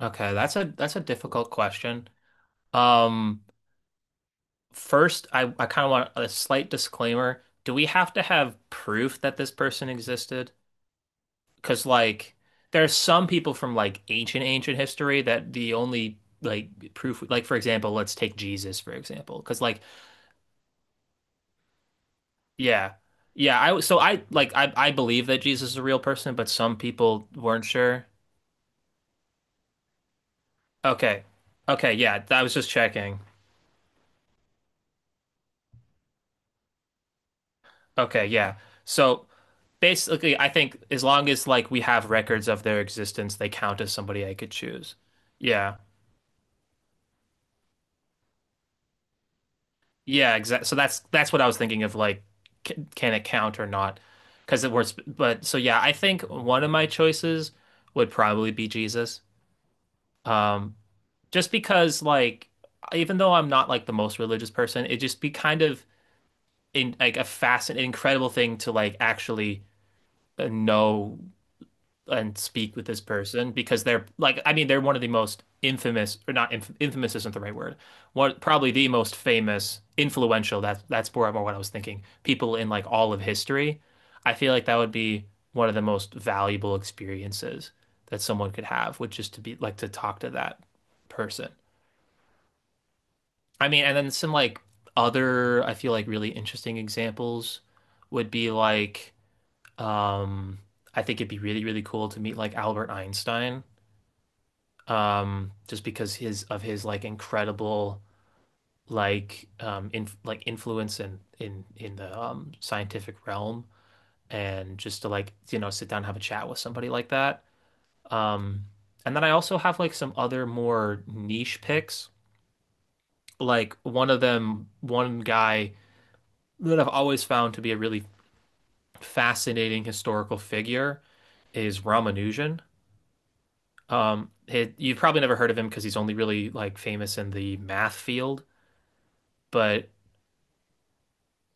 Okay, that's a difficult question. Um, First, I kind of want a slight disclaimer. Do we have to have proof that this person existed? Because like, there's some people from like ancient history that the only like proof, like for example, let's take Jesus for example. Because like, yeah, yeah, I so I like I believe that Jesus is a real person, but some people weren't sure. Okay, okay, yeah, I was just checking. Okay, yeah. So, basically, I think as long as like we have records of their existence, they count as somebody I could choose. Yeah, yeah, exactly. So that's what I was thinking of. Like, can it count or not? Because it was, but so yeah, I think one of my choices would probably be Jesus. Um, just because like, even though I'm not like the most religious person, it'd just be kind of, in like a fascinating, incredible thing, to like actually, know and speak with this person, because they're like, I mean, they're one of the most infamous, or not, infamous isn't the right word, one, probably the most famous, influential, that's more what I was thinking, people in like all of history. I feel like that would be one of the most valuable experiences that someone could have, which is to be like, to talk to that person. I mean, and then some like other, I feel like really interesting examples would be like, um I think it'd be really really cool to meet like Albert Einstein. Just because his, of his like incredible, like in like influence in the scientific realm. And just to like, sit down and have a chat with somebody like that. um and then I also have like some other more niche picks. Like, one of them one guy that I've always found to be a really fascinating historical figure, is Ramanujan. You've probably never heard of him because he's only really like famous in the math field, but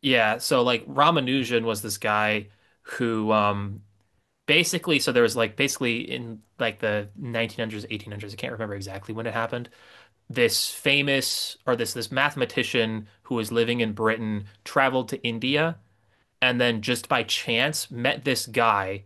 Yeah, so like Ramanujan was this guy who, basically, so there was like, basically in like the 1900s, 1800s, I can't remember exactly when it happened. This famous or this mathematician who was living in Britain traveled to India, and then just by chance met this guy,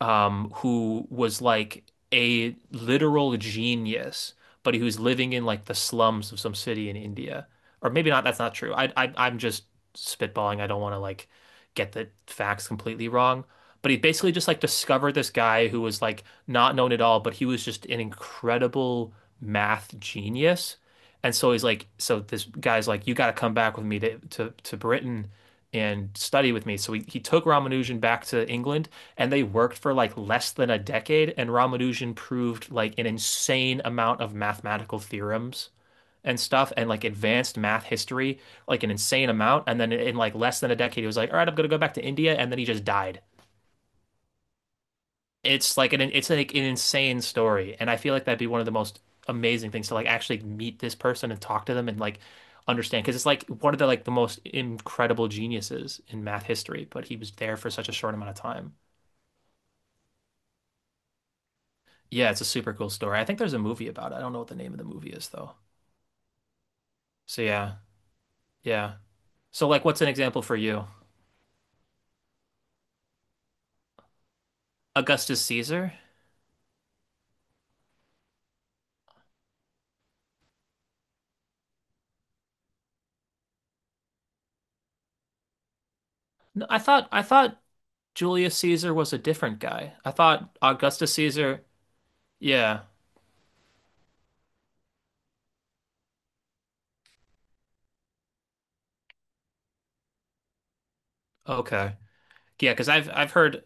who was like a literal genius, but he was living in like the slums of some city in India. Or maybe not, that's not true. I'm just spitballing. I don't want to like get the facts completely wrong. But he basically just like discovered this guy who was like not known at all, but he was just an incredible math genius. And so he's like, so this guy's like, you got to come back with me to Britain and study with me. So he took Ramanujan back to England, and they worked for like less than a decade. And Ramanujan proved like an insane amount of mathematical theorems and stuff, and like advanced math history, like an insane amount. And then in like less than a decade, he was like, all right, I'm going to go back to India. And then he just died. It's like an insane story, and I feel like that'd be one of the most amazing things to like actually meet this person and talk to them and like understand, because it's like one of the most incredible geniuses in math history, but he was there for such a short amount of time. Yeah, it's a super cool story. I think there's a movie about it. I don't know what the name of the movie is though. So yeah, yeah. So like, what's an example for you? Augustus Caesar? No, I thought Julius Caesar was a different guy. I thought Augustus Caesar. Yeah. Okay. Yeah, because I've heard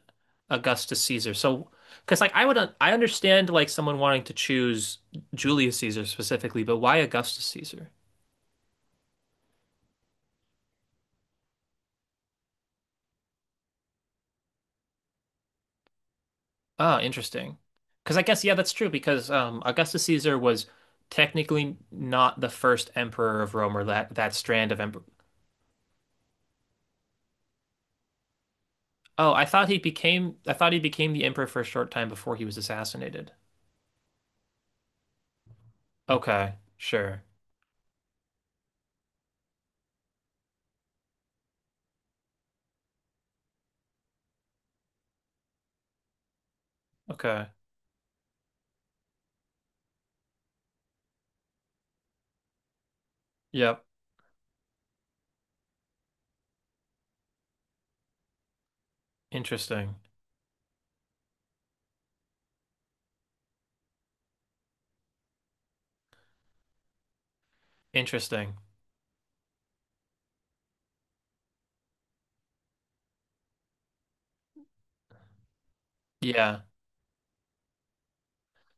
Augustus Caesar. So, because like I understand like someone wanting to choose Julius Caesar specifically, but why Augustus Caesar? Ah, interesting. Because I guess, yeah, that's true. Because Augustus Caesar was technically not the first emperor of Rome, or that strand of emperor. Oh, I thought he became, the emperor for a short time before he was assassinated. Okay, sure. Okay. Yep. Interesting. Interesting. Yeah.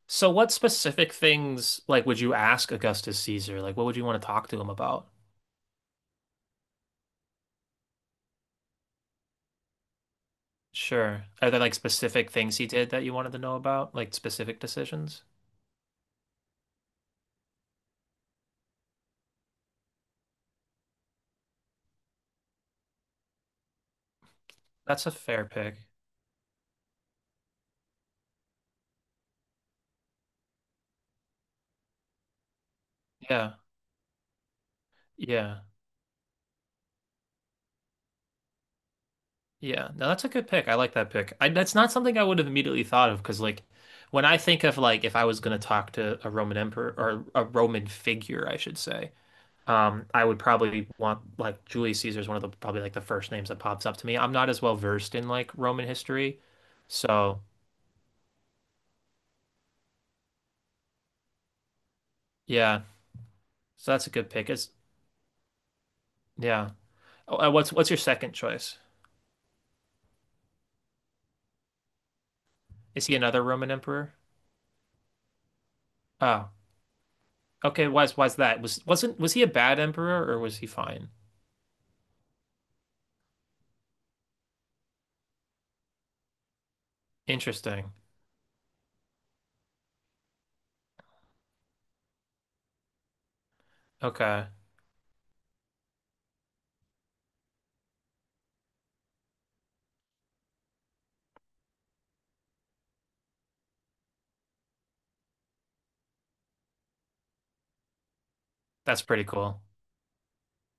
So what specific things like would you ask Augustus Caesar? Like what would you want to talk to him about? Sure. Are there like specific things he did that you wanted to know about? Like specific decisions? That's a fair pick. Yeah. Yeah. Yeah. No, that's a good pick. I like that pick. That's not something I would have immediately thought of, because like, when I think of like, if I was going to talk to a Roman emperor, or a Roman figure I should say, I would probably want like Julius Caesar is one of the probably like the first names that pops up to me. I'm not as well versed in like Roman history, so yeah, so that's a good pick. It's yeah. Oh, what's your second choice? Is he another Roman emperor? Oh, okay. Why's that? Was wasn't was he a bad emperor, or was he fine? Interesting. Okay, that's pretty cool.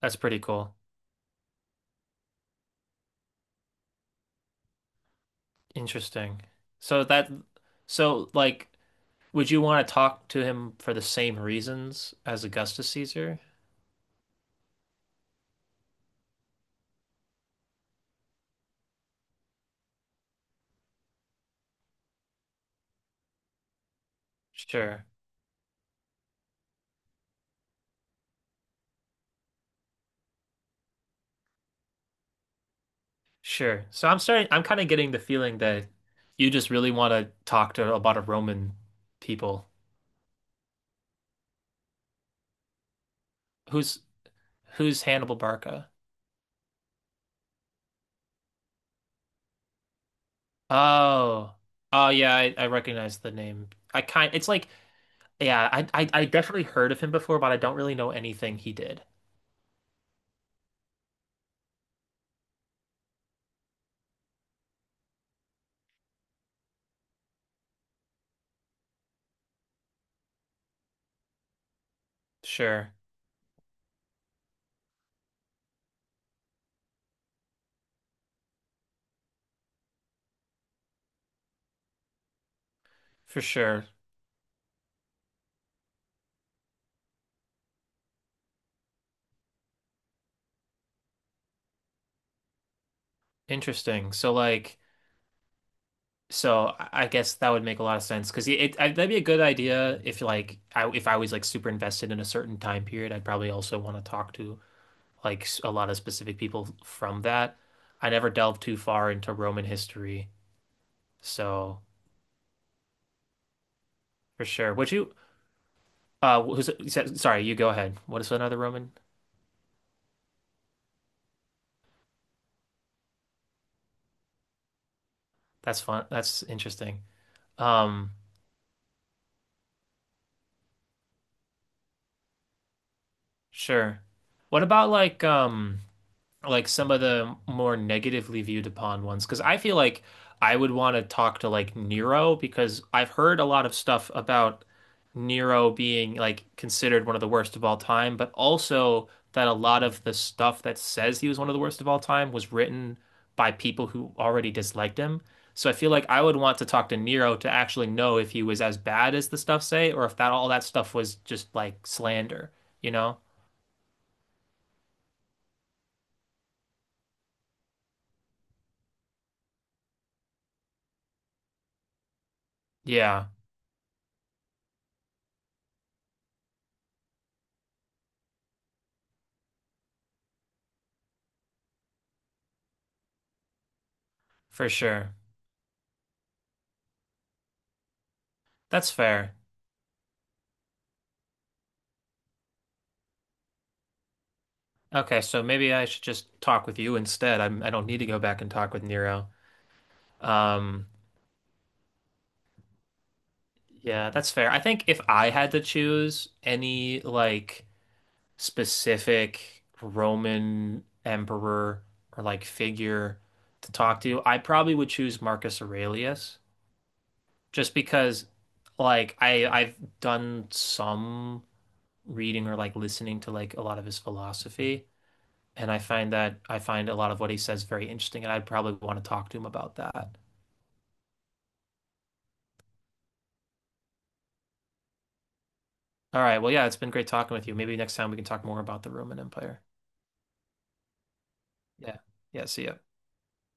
That's pretty cool. Interesting. So that, so like, would you want to talk to him for the same reasons as Augustus Caesar? Sure, sure. So I'm starting, I'm kind of getting the feeling that you just really want to talk to a lot of Roman people. Who's who's Hannibal Barca? Oh, oh yeah, I recognize the name. I kind, it's like, yeah, I definitely heard of him before, but I don't really know anything he did. Sure, for sure. Interesting. So like, so I guess that would make a lot of sense, because that'd be a good idea if like, I if I was like super invested in a certain time period, I'd probably also want to talk to. Like a lot of specific people from that. I never delved too far into Roman history, so for sure. Would you? Who's, you said, sorry, you go ahead. What is another Roman? That's fun. That's interesting. Um, sure. What about like? Like some of the more negatively viewed upon ones, because I feel like I would want to talk to like Nero, because I've heard a lot of stuff about Nero being like considered one of the worst of all time, but also that a lot of the stuff that says he was one of the worst of all time was written by people who already disliked him. So I feel like I would want to talk to Nero to actually know if he was as bad as the stuff say, or if that, all that stuff was just like slander, you know? Yeah, for sure. That's fair. Okay, so maybe I should just talk with you instead. I'm, I don't need to go back and talk with Nero. Um, yeah, that's fair. I think if I had to choose any like specific Roman emperor or like figure to talk to, I probably would choose Marcus Aurelius, just because like I've done some reading, or like listening to like a lot of his philosophy. And I find that, I find a lot of what he says very interesting, and I'd probably want to talk to him about that. All right. Well, yeah, it's been great talking with you. Maybe next time we can talk more about the Roman Empire. Yeah. Yeah. See ya.